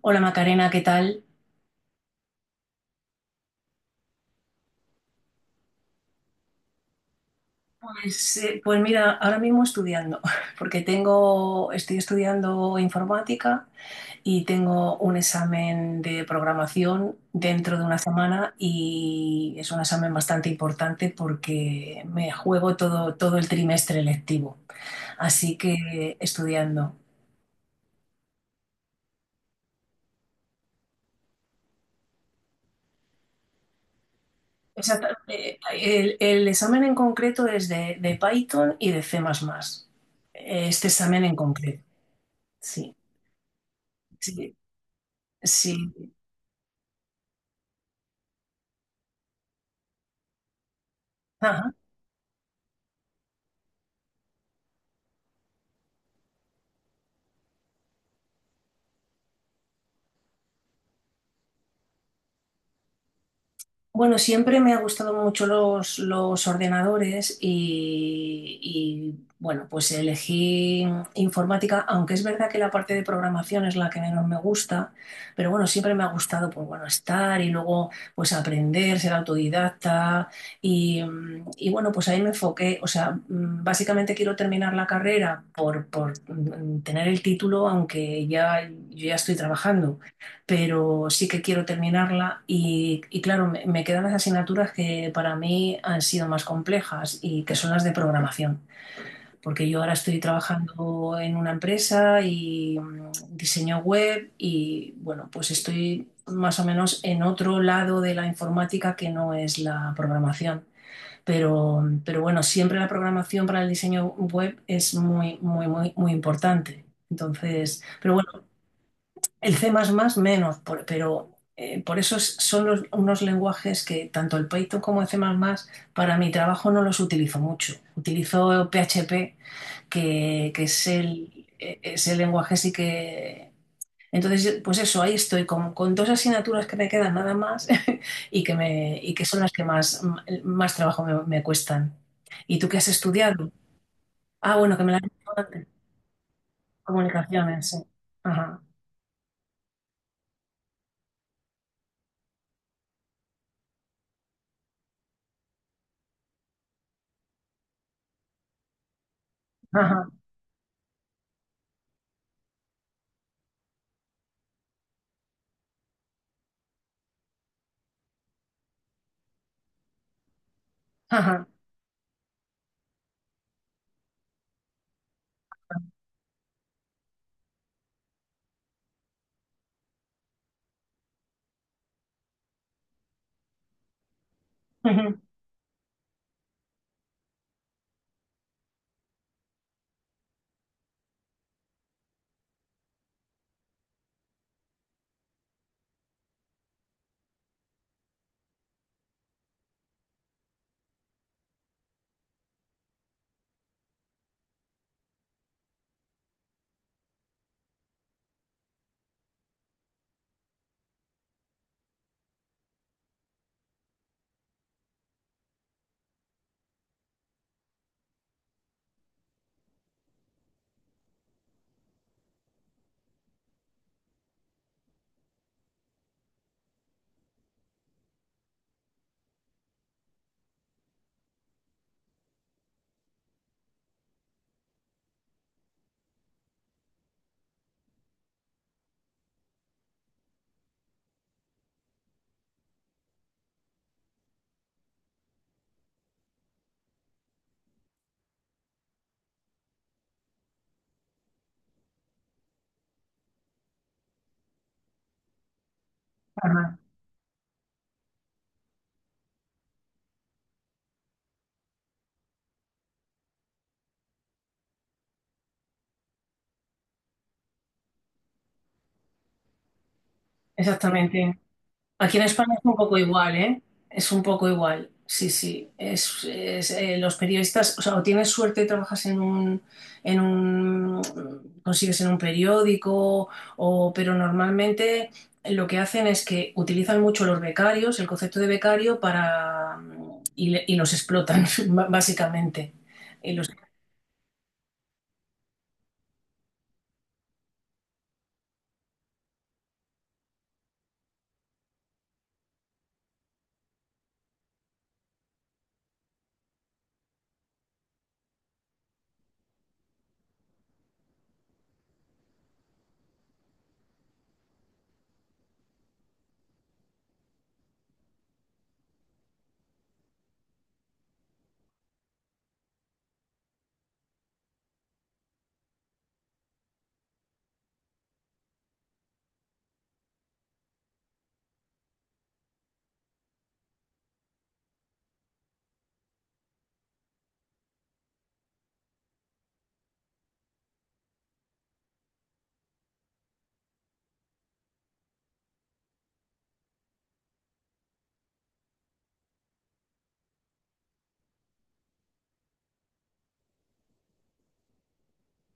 Hola Macarena, ¿qué tal? Pues mira, ahora mismo estudiando, porque estoy estudiando informática y tengo un examen de programación dentro de una semana y es un examen bastante importante porque me juego todo el trimestre lectivo, así que estudiando. El examen en concreto es de Python y de C++. Este examen en concreto, sí. Sí, sí. Bueno, siempre me ha gustado mucho los ordenadores y bueno, pues elegí informática, aunque es verdad que la parte de programación es la que menos me gusta, pero bueno, siempre me ha gustado, pues bueno, estar y luego pues aprender, ser autodidacta y bueno, pues ahí me enfoqué, o sea, básicamente quiero terminar la carrera por tener el título, aunque ya, yo ya estoy trabajando pero sí que quiero terminarla y claro, me quedan las asignaturas que para mí han sido más complejas y que son las de programación, porque yo ahora estoy trabajando en una empresa y diseño web y bueno, pues estoy más o menos en otro lado de la informática que no es la programación. Pero bueno, siempre la programación para el diseño web es muy, muy, muy, muy importante. Entonces, pero bueno, el C++ menos, pero por eso son unos lenguajes que tanto el Python como el C++ para mi trabajo no los utilizo mucho. Utilizo PHP, que es es el lenguaje sí que... Entonces, pues eso, ahí estoy con dos asignaturas que me quedan nada más y que son las que más, más trabajo me cuestan. ¿Y tú qué has estudiado? Ah, bueno, que me la has dicho antes. Comunicaciones, sí. Ajá, ajá, ajá, ajá. Exactamente. Aquí en España es un poco igual, ¿eh? Es un poco igual. Sí, sí. Los periodistas, o sea, o tienes suerte y trabajas en un, consigues en un periódico, o, pero normalmente lo que hacen es que utilizan mucho los becarios, el concepto de becario, para, y los explotan, básicamente. Y los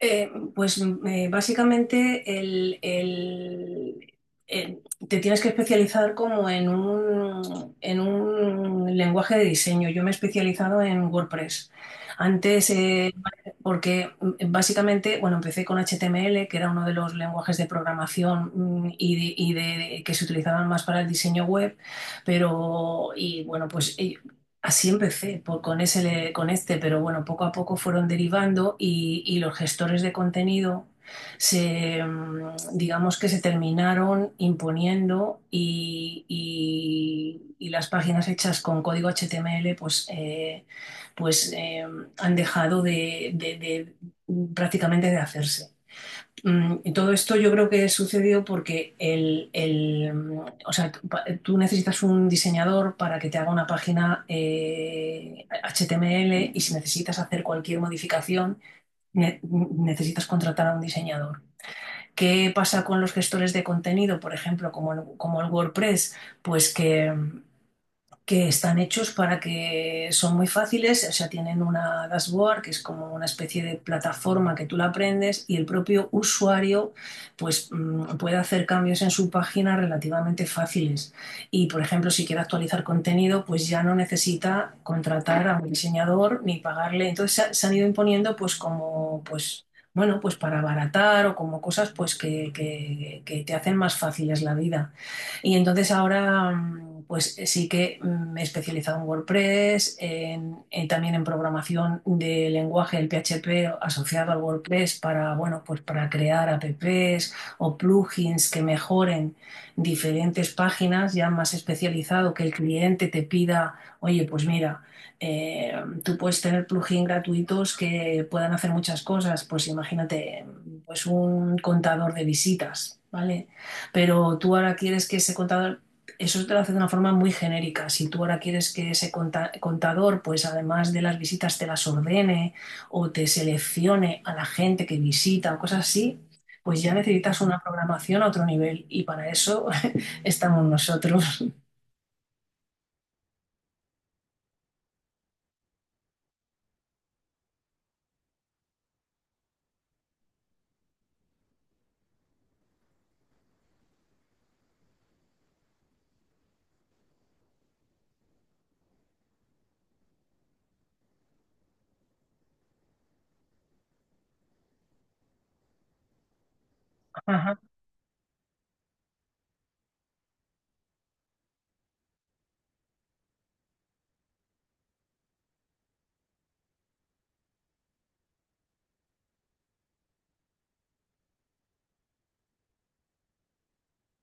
Básicamente el- te tienes que especializar como en un lenguaje de diseño. Yo me he especializado en WordPress. Antes, básicamente, bueno, empecé con HTML, que era uno de los lenguajes de programación mm, y, de- y que se utilizaban más para el diseño web, y bueno, así empecé con ese, con este, pero bueno, poco a poco fueron derivando y los gestores de contenido digamos que se terminaron imponiendo y las páginas hechas con código HTML pues eh, han dejado prácticamente de hacerse. Y todo esto yo creo que sucedió porque o sea, tú necesitas un diseñador para que te haga una página HTML y si necesitas hacer cualquier modificación, ne- necesitas contratar a un diseñador. ¿Qué pasa con los gestores de contenido, por ejemplo, como el WordPress? Pues que están hechos para que son muy fáciles, o sea, tienen una dashboard que es como una especie de plataforma que tú la aprendes y el propio usuario puede hacer cambios en su página relativamente fáciles. Y por ejemplo, si quiere actualizar contenido, pues ya no necesita contratar a un diseñador ni pagarle. Entonces se han ido imponiendo pues como bueno, pues para abaratar o como cosas que te hacen más fáciles la vida. Y entonces ahora, sí que me he especializado en WordPress, en también en programación de lenguaje, el PHP asociado al WordPress para, bueno, pues para crear apps o plugins que mejoren diferentes páginas, ya más especializado, que el cliente te pida, oye, pues mira, eh, tú puedes tener plugins gratuitos que puedan hacer muchas cosas, pues imagínate, pues un contador de visitas, ¿vale? Pero tú ahora quieres que ese contador, eso te lo hace de una forma muy genérica. Si tú ahora quieres que ese contador, pues además de las visitas, te las ordene o te seleccione a la gente que visita o cosas así, pues ya necesitas una programación a otro nivel. Y para eso estamos nosotros. Ajá,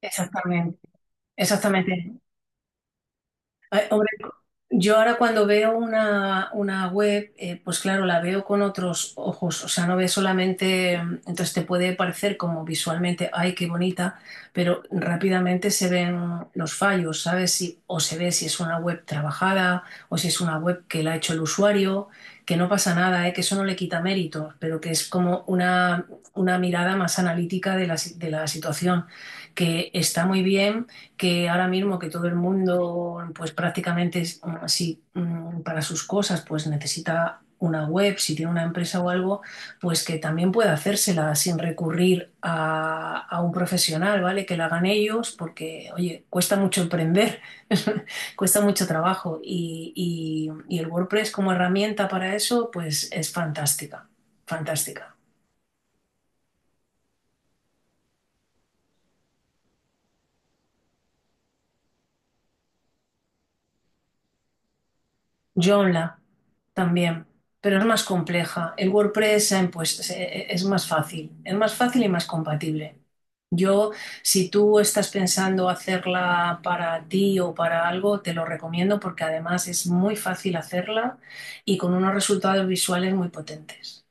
exactamente, exactamente. Ay, hombre, yo ahora cuando veo una web, pues claro, la veo con otros ojos, o sea, no ve solamente, entonces te puede parecer como visualmente, ay, qué bonita, pero rápidamente se ven los fallos, ¿sabes? Si, o se ve si es una web trabajada o si es una web que la ha hecho el usuario, que no pasa nada, ¿eh? Que eso no le quita méritos, pero que es como una mirada más analítica de la, si- de la situación, que está muy bien que ahora mismo que todo el mundo, pues prácticamente es así para sus cosas, pues necesita una web, si tiene una empresa o algo, pues que también pueda hacérsela sin recurrir a un profesional, ¿vale? Que la hagan ellos, porque, oye, cuesta mucho emprender, cuesta mucho trabajo y el WordPress como herramienta para eso, pues es fantástica, fantástica. Joomla también, pero es más compleja. El WordPress se ha impuesto- se- es más fácil y más compatible. Yo, si tú estás pensando hacerla para ti o para algo, te lo recomiendo porque además es muy fácil hacerla y con unos resultados visuales muy potentes.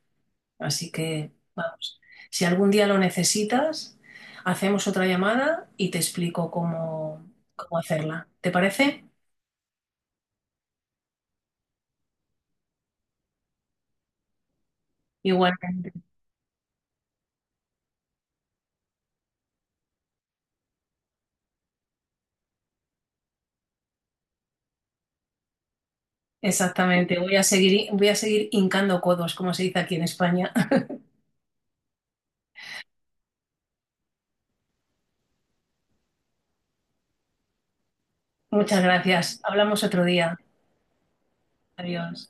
Así que, vamos, si algún día lo necesitas, hacemos otra llamada y te explico cómo hacerla. ¿Te parece? Igual. Exactamente, voy a seguir hincando codos, como se dice aquí en España. Muchas gracias. Hablamos otro día. Adiós.